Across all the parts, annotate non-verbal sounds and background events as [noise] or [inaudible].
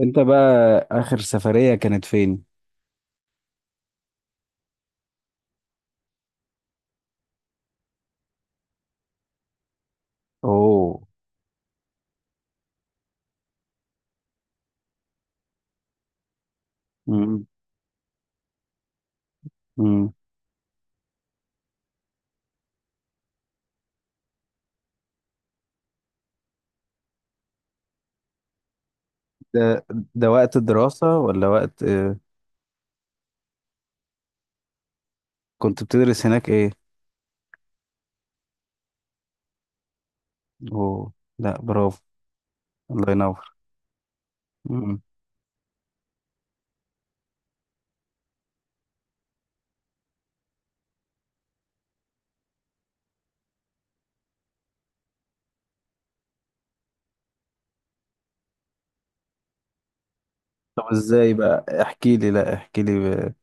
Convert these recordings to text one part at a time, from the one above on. انت بقى، اخر سفرية كانت فين؟ اوه. مم. مم. ده ده وقت الدراسة ولا وقت، كنت بتدرس هناك ايه؟ اوه، لا، برافو. الله ينور. مم. طب، ازاي بقى؟ احكي لي، لا احكي لي ب-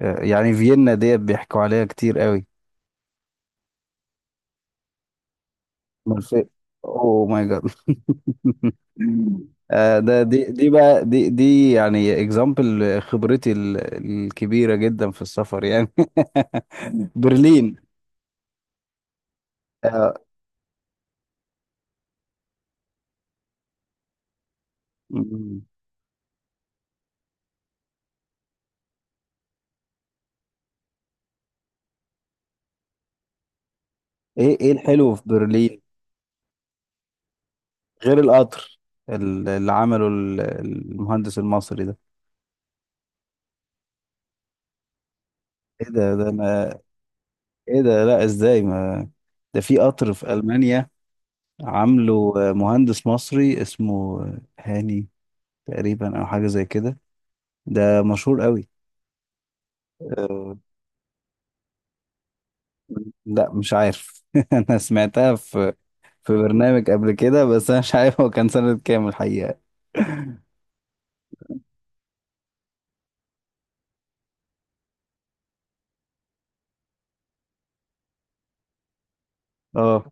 آه، يعني فيينا ديت بيحكوا عليها كتير قوي. امال فين؟ اوه ماي جاد. [laughs] ده دي بقى دي يعني اكزامبل خبرتي الكبيرة جدا في السفر يعني. [laughs] برلين. آه. ايه؟ ايه الحلو في برلين غير القطر اللي عمله المهندس المصري ده؟ ايه ده انا، ايه ده؟ لا، ازاي؟ ما ده في قطر في ألمانيا، عامله مهندس مصري اسمه هاني تقريبا او حاجة زي كده. ده مشهور قوي. أه، لا مش عارف. [laughs] انا سمعتها في برنامج قبل كده، بس انا مش عارف هو كان سنة كام الحقيقة. اه.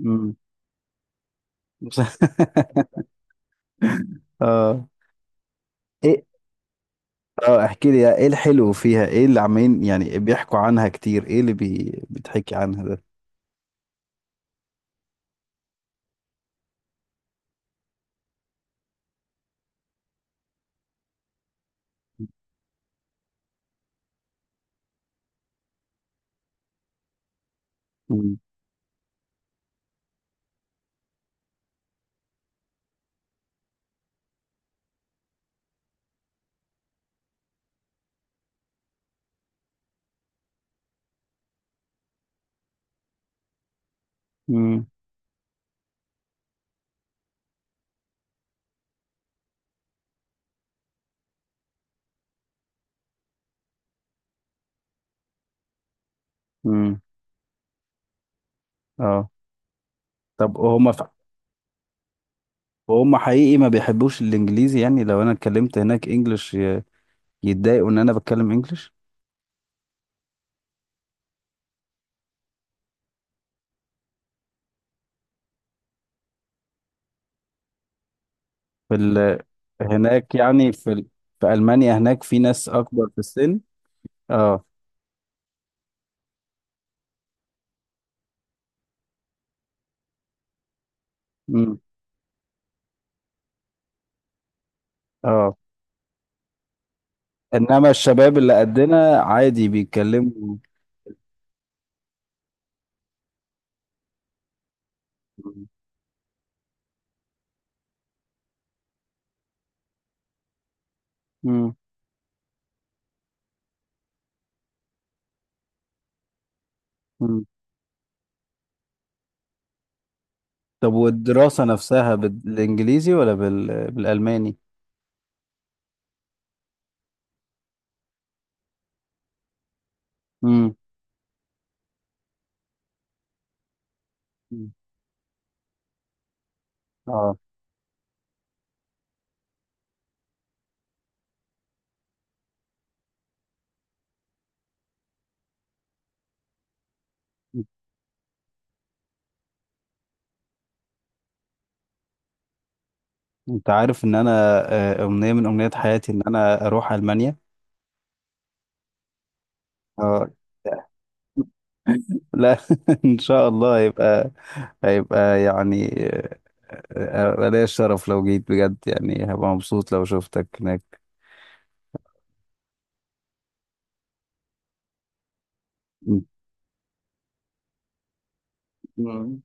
أمم. [laughs] اه. ايه؟ اه، احكي لي ايه الحلو فيها، ايه اللي عمالين يعني بيحكوا عنها كتير، ايه اللي بيتحكي عنها ده؟ مم. مم. مم. اه، طب وهم وهم حقيقي ما بيحبوش الانجليزي؟ يعني لو انا اتكلمت هناك انجلش، يتضايقوا ان انا بتكلم انجلش في هناك، يعني في في المانيا هناك في ناس اكبر في السن؟ اه. مم. اه، انما الشباب اللي قدنا عادي بيتكلموا؟ مم. مم. طب والدراسة نفسها بالإنجليزي ولا بالألماني؟ امم. اه، انت عارف ان انا، امنيه من امنيات حياتي ان انا اروح المانيا. اه. لا. [laughs] ان شاء الله هيبقى، يعني، ليا الشرف لو جيت بجد، يعني هبقى مبسوط لو شفتك هناك. مم.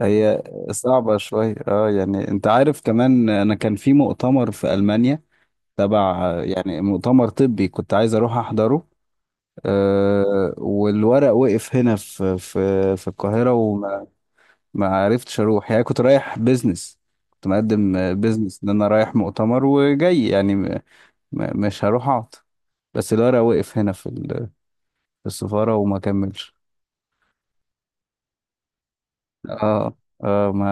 هي صعبة شوية، اه، يعني انت عارف كمان انا كان في مؤتمر في المانيا تبع، يعني مؤتمر طبي، كنت عايز اروح احضره. أه، والورق وقف هنا في القاهرة، وما ما عرفتش أروح، يعني كنت رايح بيزنس، كنت مقدم بيزنس إن أنا رايح مؤتمر وجاي، يعني مش هروح أقعد، بس الورق وقف هنا في السفارة وما كملش. اه، اه، ما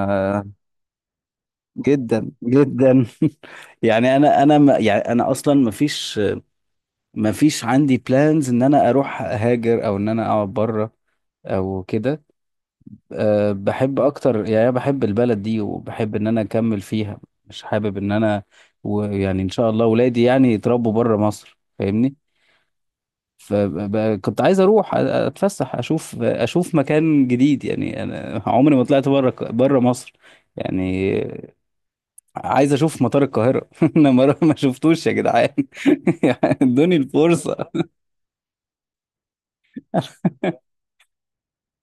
جدا جدا. [laughs] يعني انا، ما يعني انا اصلا ما فيش عندي بلانز ان انا اروح هاجر او ان انا اقعد بره او كده. أه، بحب اكتر، يعني بحب البلد دي وبحب ان انا اكمل فيها، مش حابب ان انا ويعني ان شاء الله ولادي يعني يتربوا بره مصر، فاهمني؟ فكنت عايز اروح، اتفسح، اشوف، مكان جديد، يعني انا عمري ما طلعت بره مصر يعني، عايز اشوف مطار القاهرة. [laughs] انا ما شفتوش يا جدعان. [laughs] يعني ادوني الفرصة،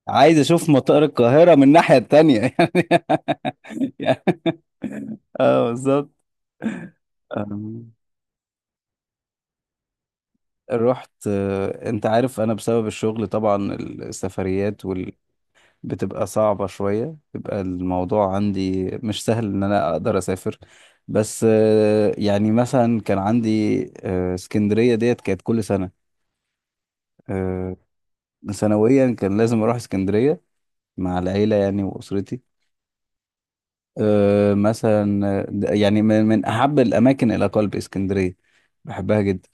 عايز اشوف مطار القاهرة من الناحية التانية. [laughs] يعني، اه، بالظبط. رحت، انت عارف انا بسبب الشغل طبعا السفريات بتبقى صعبة شوية، بيبقى الموضوع عندي مش سهل ان انا اقدر اسافر. بس يعني مثلا كان عندي، اسكندرية ديت كانت كل سنة، آه، سنويا كان لازم اروح اسكندرية مع العيلة يعني، واسرتي. مثلا، يعني من احب الاماكن الى قلبي اسكندرية، بحبها جدا.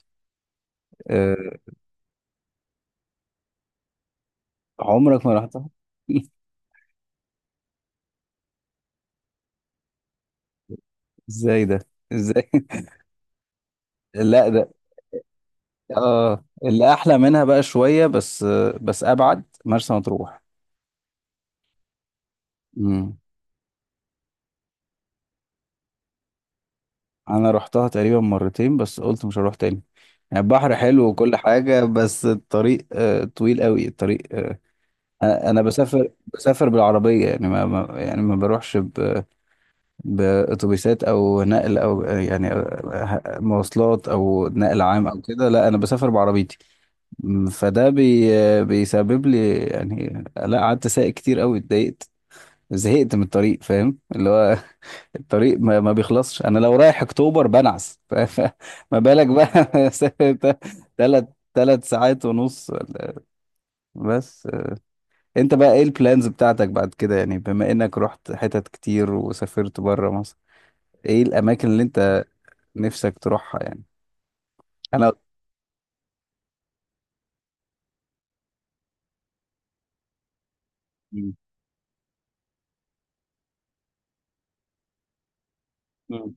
آه، عمرك ما رحتها؟ [laughs] ازاي ده؟ ازاي؟ [laughs] لا، ده اه اللي احلى منها بقى شويه، بس ابعد مرسى مطروح. امم. انا رحتها تقريبا مرتين، بس قلت مش هروح تاني. يعني البحر حلو وكل حاجه، بس الطريق طويل قوي الطريق، انا بسافر بالعربيه، يعني يعني ما بروحش باتوبيسات او نقل، او يعني، مواصلات او نقل عام او كده. لا، انا بسافر بعربيتي. فده بيسبب لي، يعني لا قعدت سايق كتير قوي، اتضايقت زهقت من الطريق، فاهم اللي هو. [laughs] الطريق ما بيخلصش. انا لو رايح اكتوبر بنعس، [laughs] ما بالك بقى؟ [laughs] ثلاث 3 ساعات ونص بس. انت بقى، ايه البلانز بتاعتك بعد كده؟ يعني بما انك رحت حتت كتير وسافرت بره مصر، ايه الاماكن اللي انت نفسك تروحها يعني؟ انا. مم. مم.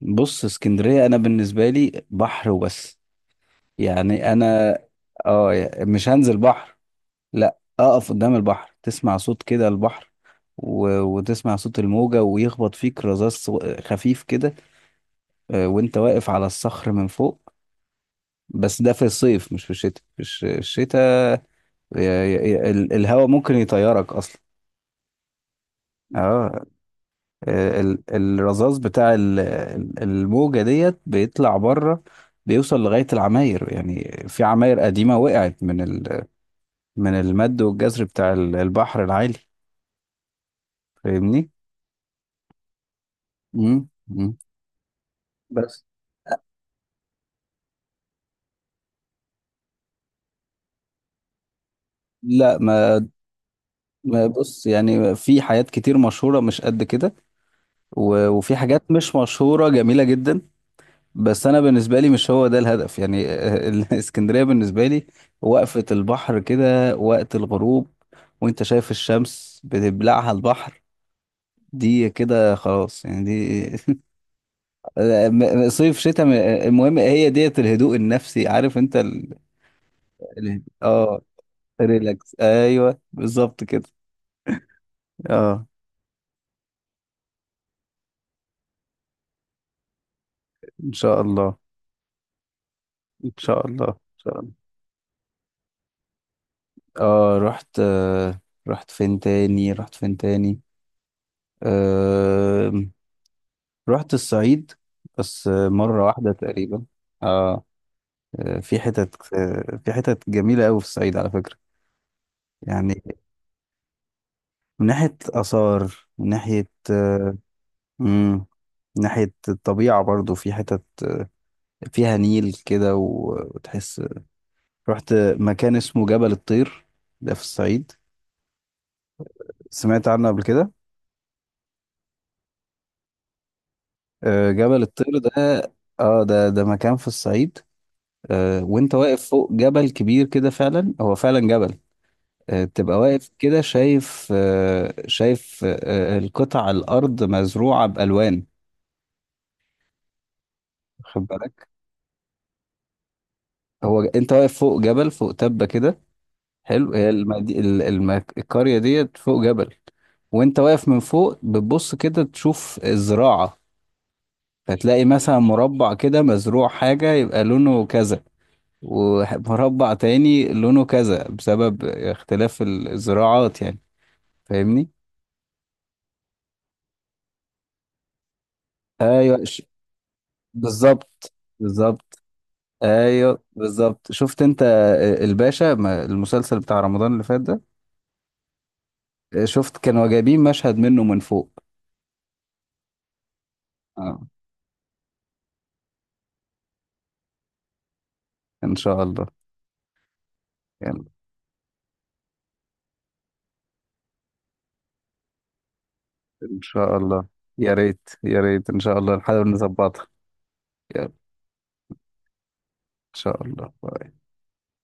بص، اسكندرية انا بالنسبة لي بحر وبس يعني. انا، اه، مش هنزل بحر، لا، اقف قدام البحر، تسمع صوت كده البحر، وتسمع صوت الموجة ويخبط فيك رذاذ خفيف كده، وانت واقف على الصخر من فوق. بس ده في الصيف مش في الشتاء، في الشتاء الهواء ممكن يطيرك اصلا. اه. الرذاذ بتاع الموجة ديت بيطلع بره، بيوصل لغاية العماير، يعني في عماير قديمة وقعت من المد والجزر بتاع البحر العالي. فاهمني؟ مم. مم. بس، لا، ما بص يعني في حاجات كتير مشهورة مش قد كده، وفي حاجات مش مشهورة جميلة جدا، بس أنا بالنسبة لي مش هو ده الهدف يعني. [laughs] الإسكندرية بالنسبة لي وقفة البحر كده وقت الغروب، وأنت شايف الشمس بتبلعها البحر، دي كده خلاص يعني دي. [laughs] صيف شتاء، المهم هي ديت الهدوء النفسي، عارف أنت ال- اه ريلاكس. أيوه، بالظبط كده. اه. إن شاء الله، ان شاء الله، ان شاء الله. اه، رحت. آه. رحت فين تاني، آه رحت الصعيد، بس مرة واحدة تقريبا. اه. في حتت جميلة أوي في الصعيد على فكرة يعني. من ناحية آثار، مم، من ناحية الطبيعة برضو، في حتت فيها نيل كده، وتحس. رحت مكان اسمه جبل الطير، ده في الصعيد، سمعت عنه قبل كده؟ جبل الطير ده، اه، ده مكان في الصعيد. وانت واقف فوق جبل كبير كده، فعلا هو فعلا جبل. تبقى واقف كده، شايف القطع الارض مزروعه بالوان، خد بالك. هو انت واقف فوق جبل، فوق تبه كده حلو، هي القريه ديت فوق جبل، وانت واقف من فوق بتبص كده تشوف الزراعه، فتلاقي مثلا مربع كده مزروع حاجه يبقى لونه كذا، ومربع تاني لونه كذا بسبب اختلاف الزراعات يعني، فاهمني؟ ايوه، بالظبط، بالظبط. ايوه بالظبط، شفت انت، الباشا، المسلسل بتاع رمضان اللي فات ده، شفت كانوا جايبين مشهد منه من فوق. اه، ان شاء الله يعني. ان شاء الله. يا ريت يا ريت، ان شاء الله نحاول نظبطها. يلا، ان شاء الله.